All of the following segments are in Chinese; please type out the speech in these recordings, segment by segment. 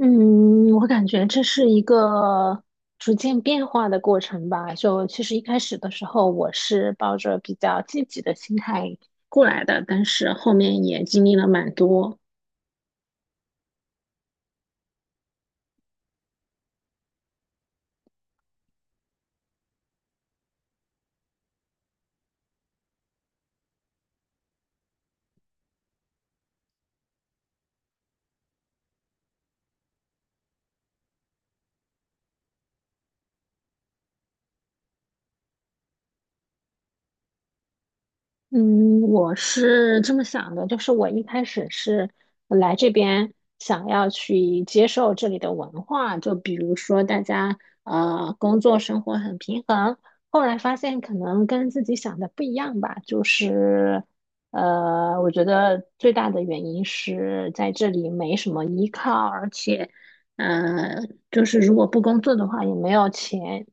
嗯，我感觉这是一个逐渐变化的过程吧。就其实一开始的时候，我是抱着比较积极的心态过来的，但是后面也经历了蛮多。嗯，我是这么想的，就是我一开始是来这边想要去接受这里的文化，就比如说大家工作生活很平衡，后来发现可能跟自己想的不一样吧，就是我觉得最大的原因是在这里没什么依靠，而且嗯就是如果不工作的话也没有钱。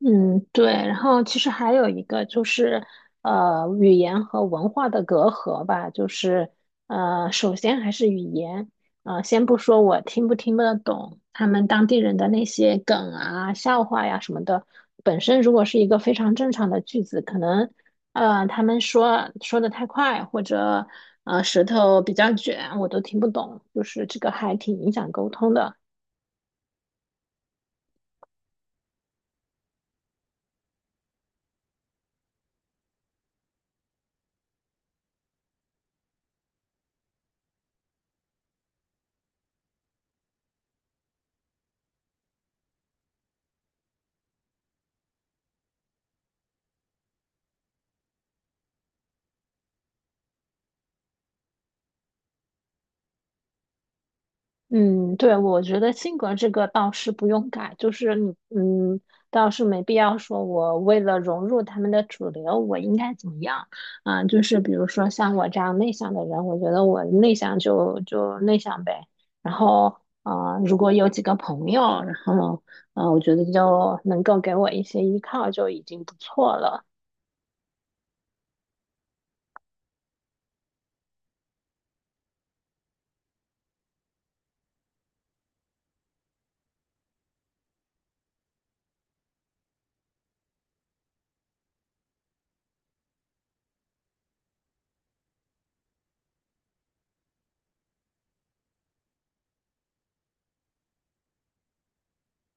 嗯，对，然后其实还有一个就是，语言和文化的隔阂吧，就是，首先还是语言，先不说我听不听得懂他们当地人的那些梗啊、笑话呀什么的，本身如果是一个非常正常的句子，可能，他们说的太快，或者，舌头比较卷，我都听不懂，就是这个还挺影响沟通的。嗯，对，我觉得性格这个倒是不用改，就是你，嗯，倒是没必要说我为了融入他们的主流，我应该怎么样啊？就是比如说像我这样内向的人，我觉得我内向就内向呗。然后，啊，如果有几个朋友，然后，啊，我觉得就能够给我一些依靠，就已经不错了。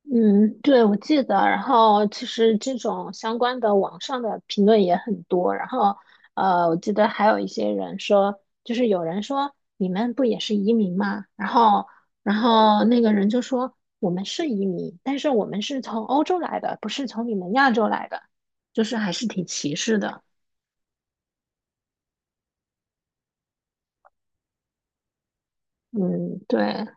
嗯，对，我记得。然后其实这种相关的网上的评论也很多。然后，我记得还有一些人说，就是有人说你们不也是移民吗？然后，然后那个人就说我们是移民，但是我们是从欧洲来的，不是从你们亚洲来的，就是还是挺歧视的。嗯，对。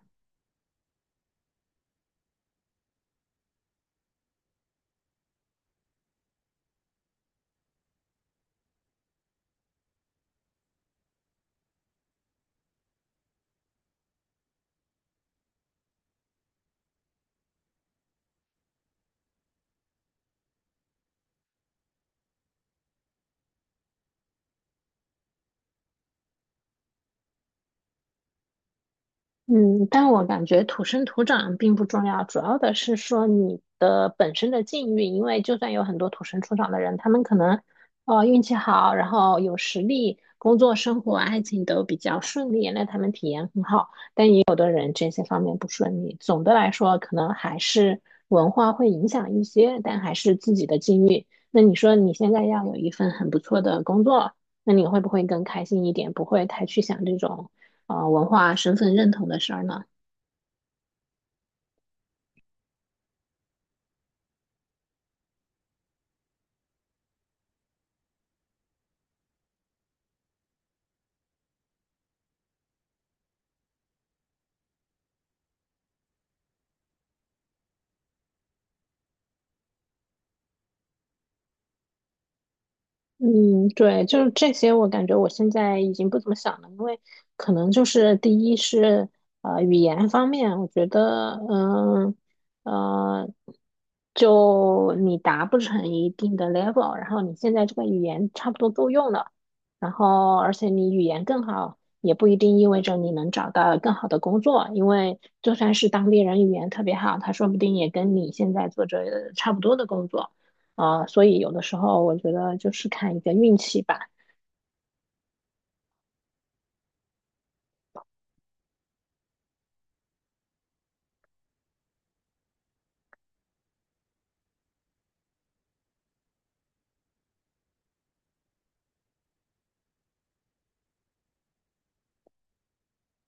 嗯，但我感觉土生土长并不重要，主要的是说你的本身的境遇。因为就算有很多土生土长的人，他们可能运气好，然后有实力，工作、生活、爱情都比较顺利，那他们体验很好。也有的人这些方面不顺利。总的来说，可能还是文化会影响一些，但还是自己的境遇。那你说你现在要有一份很不错的工作，那你会不会更开心一点？不会太去想这种啊、文化身份认同的事儿呢？嗯，对，就是这些，我感觉我现在已经不怎么想了，因为可能就是第一是语言方面，我觉得呃，就你达不成一定的 level，然后你现在这个语言差不多够用了，然后而且你语言更好，也不一定意味着你能找到更好的工作，因为就算是当地人语言特别好，他说不定也跟你现在做着差不多的工作。啊、所以有的时候我觉得就是看一个运气吧。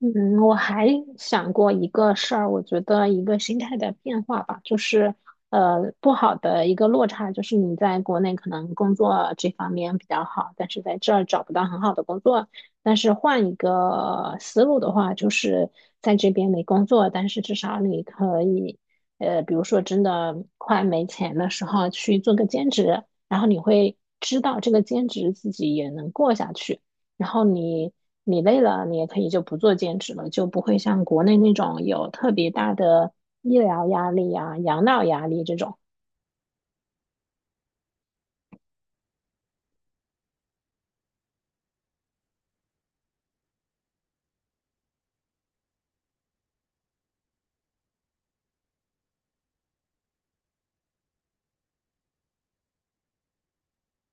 嗯，我还想过一个事儿，我觉得一个心态的变化吧，就是不好的一个落差，就是你在国内可能工作这方面比较好，但是在这儿找不到很好的工作。但是换一个思路的话，就是在这边没工作，但是至少你可以，比如说真的快没钱的时候去做个兼职，然后你会知道这个兼职自己也能过下去。然后你累了，你也可以就不做兼职了，就不会像国内那种有特别大的医疗压力啊、养老压力这种。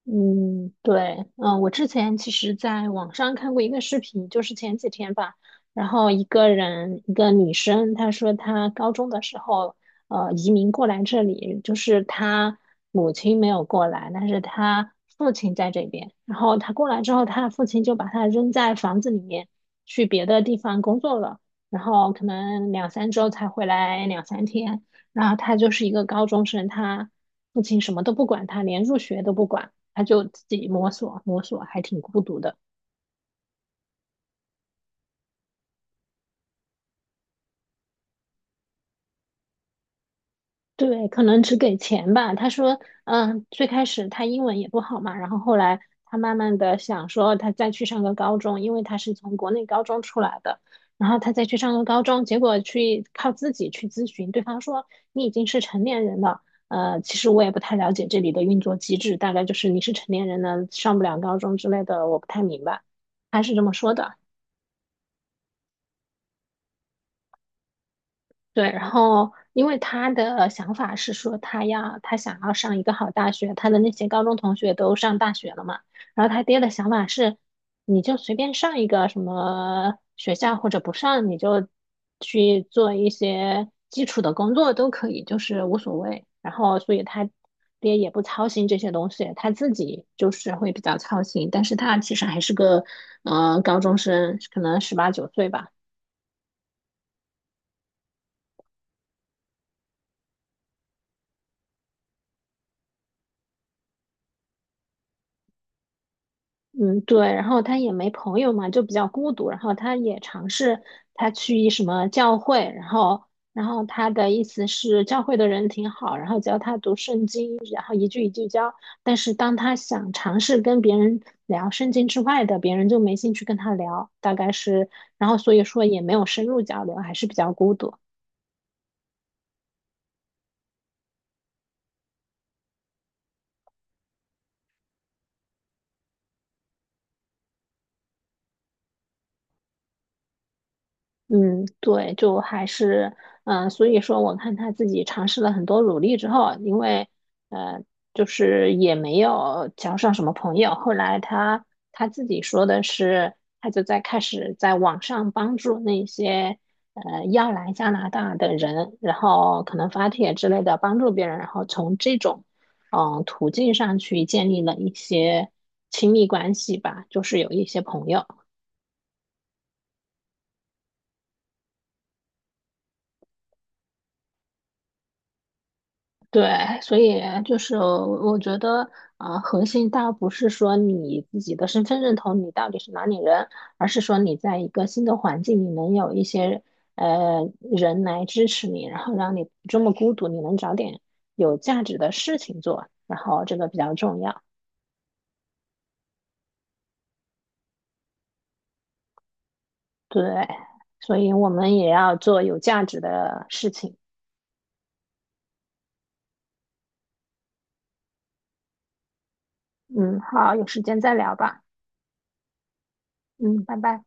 嗯，对，嗯，我之前其实在网上看过一个视频，就是前几天吧，然后一个人，一个女生，她说她高中的时候，移民过来这里，就是她母亲没有过来，但是她父亲在这边，然后她过来之后，她的父亲就把她扔在房子里面，去别的地方工作了，然后可能两三周才回来两三天，然后她就是一个高中生，她父亲什么都不管她，连入学都不管。他就自己摸索摸索，还挺孤独的。对，可能只给钱吧。他说，嗯，最开始他英文也不好嘛，然后后来他慢慢的想说，他再去上个高中，因为他是从国内高中出来的，然后他再去上个高中，结果去靠自己去咨询，对方说你已经是成年人了。其实我也不太了解这里的运作机制，大概就是你是成年人呢，上不了高中之类的，我不太明白。他是这么说的。对，然后因为他的想法是说，他想要上一个好大学，他的那些高中同学都上大学了嘛，然后他爹的想法是，你就随便上一个什么学校或者不上，你就去做一些基础的工作都可以，就是无所谓。然后所以他爹也不操心这些东西，他自己就是会比较操心，但是他其实还是个高中生，可能十八九岁吧。嗯，对，然后他也没朋友嘛，就比较孤独。然后他也尝试他去一什么教会，然后，然后他的意思是教会的人挺好，然后教他读圣经，然后一句一句教。但是当他想尝试跟别人聊圣经之外的，别人就没兴趣跟他聊，大概是，然后所以说也没有深入交流，还是比较孤独。嗯，对，就还是，嗯、所以说我看他自己尝试了很多努力之后，因为，呃，就是也没有交上什么朋友。后来他自己说的是，他就在开始在网上帮助那些要来加拿大的人，然后可能发帖之类的帮助别人，然后从这种途径上去建立了一些亲密关系吧，就是有一些朋友。对，所以就是我觉得，啊，核心倒不是说你自己的身份认同，你到底是哪里人，而是说你在一个新的环境，你能有一些人来支持你，然后让你不这么孤独，你能找点有价值的事情做，然后这个比较重要。对，所以我们也要做有价值的事情。嗯，好，有时间再聊吧。嗯，拜拜。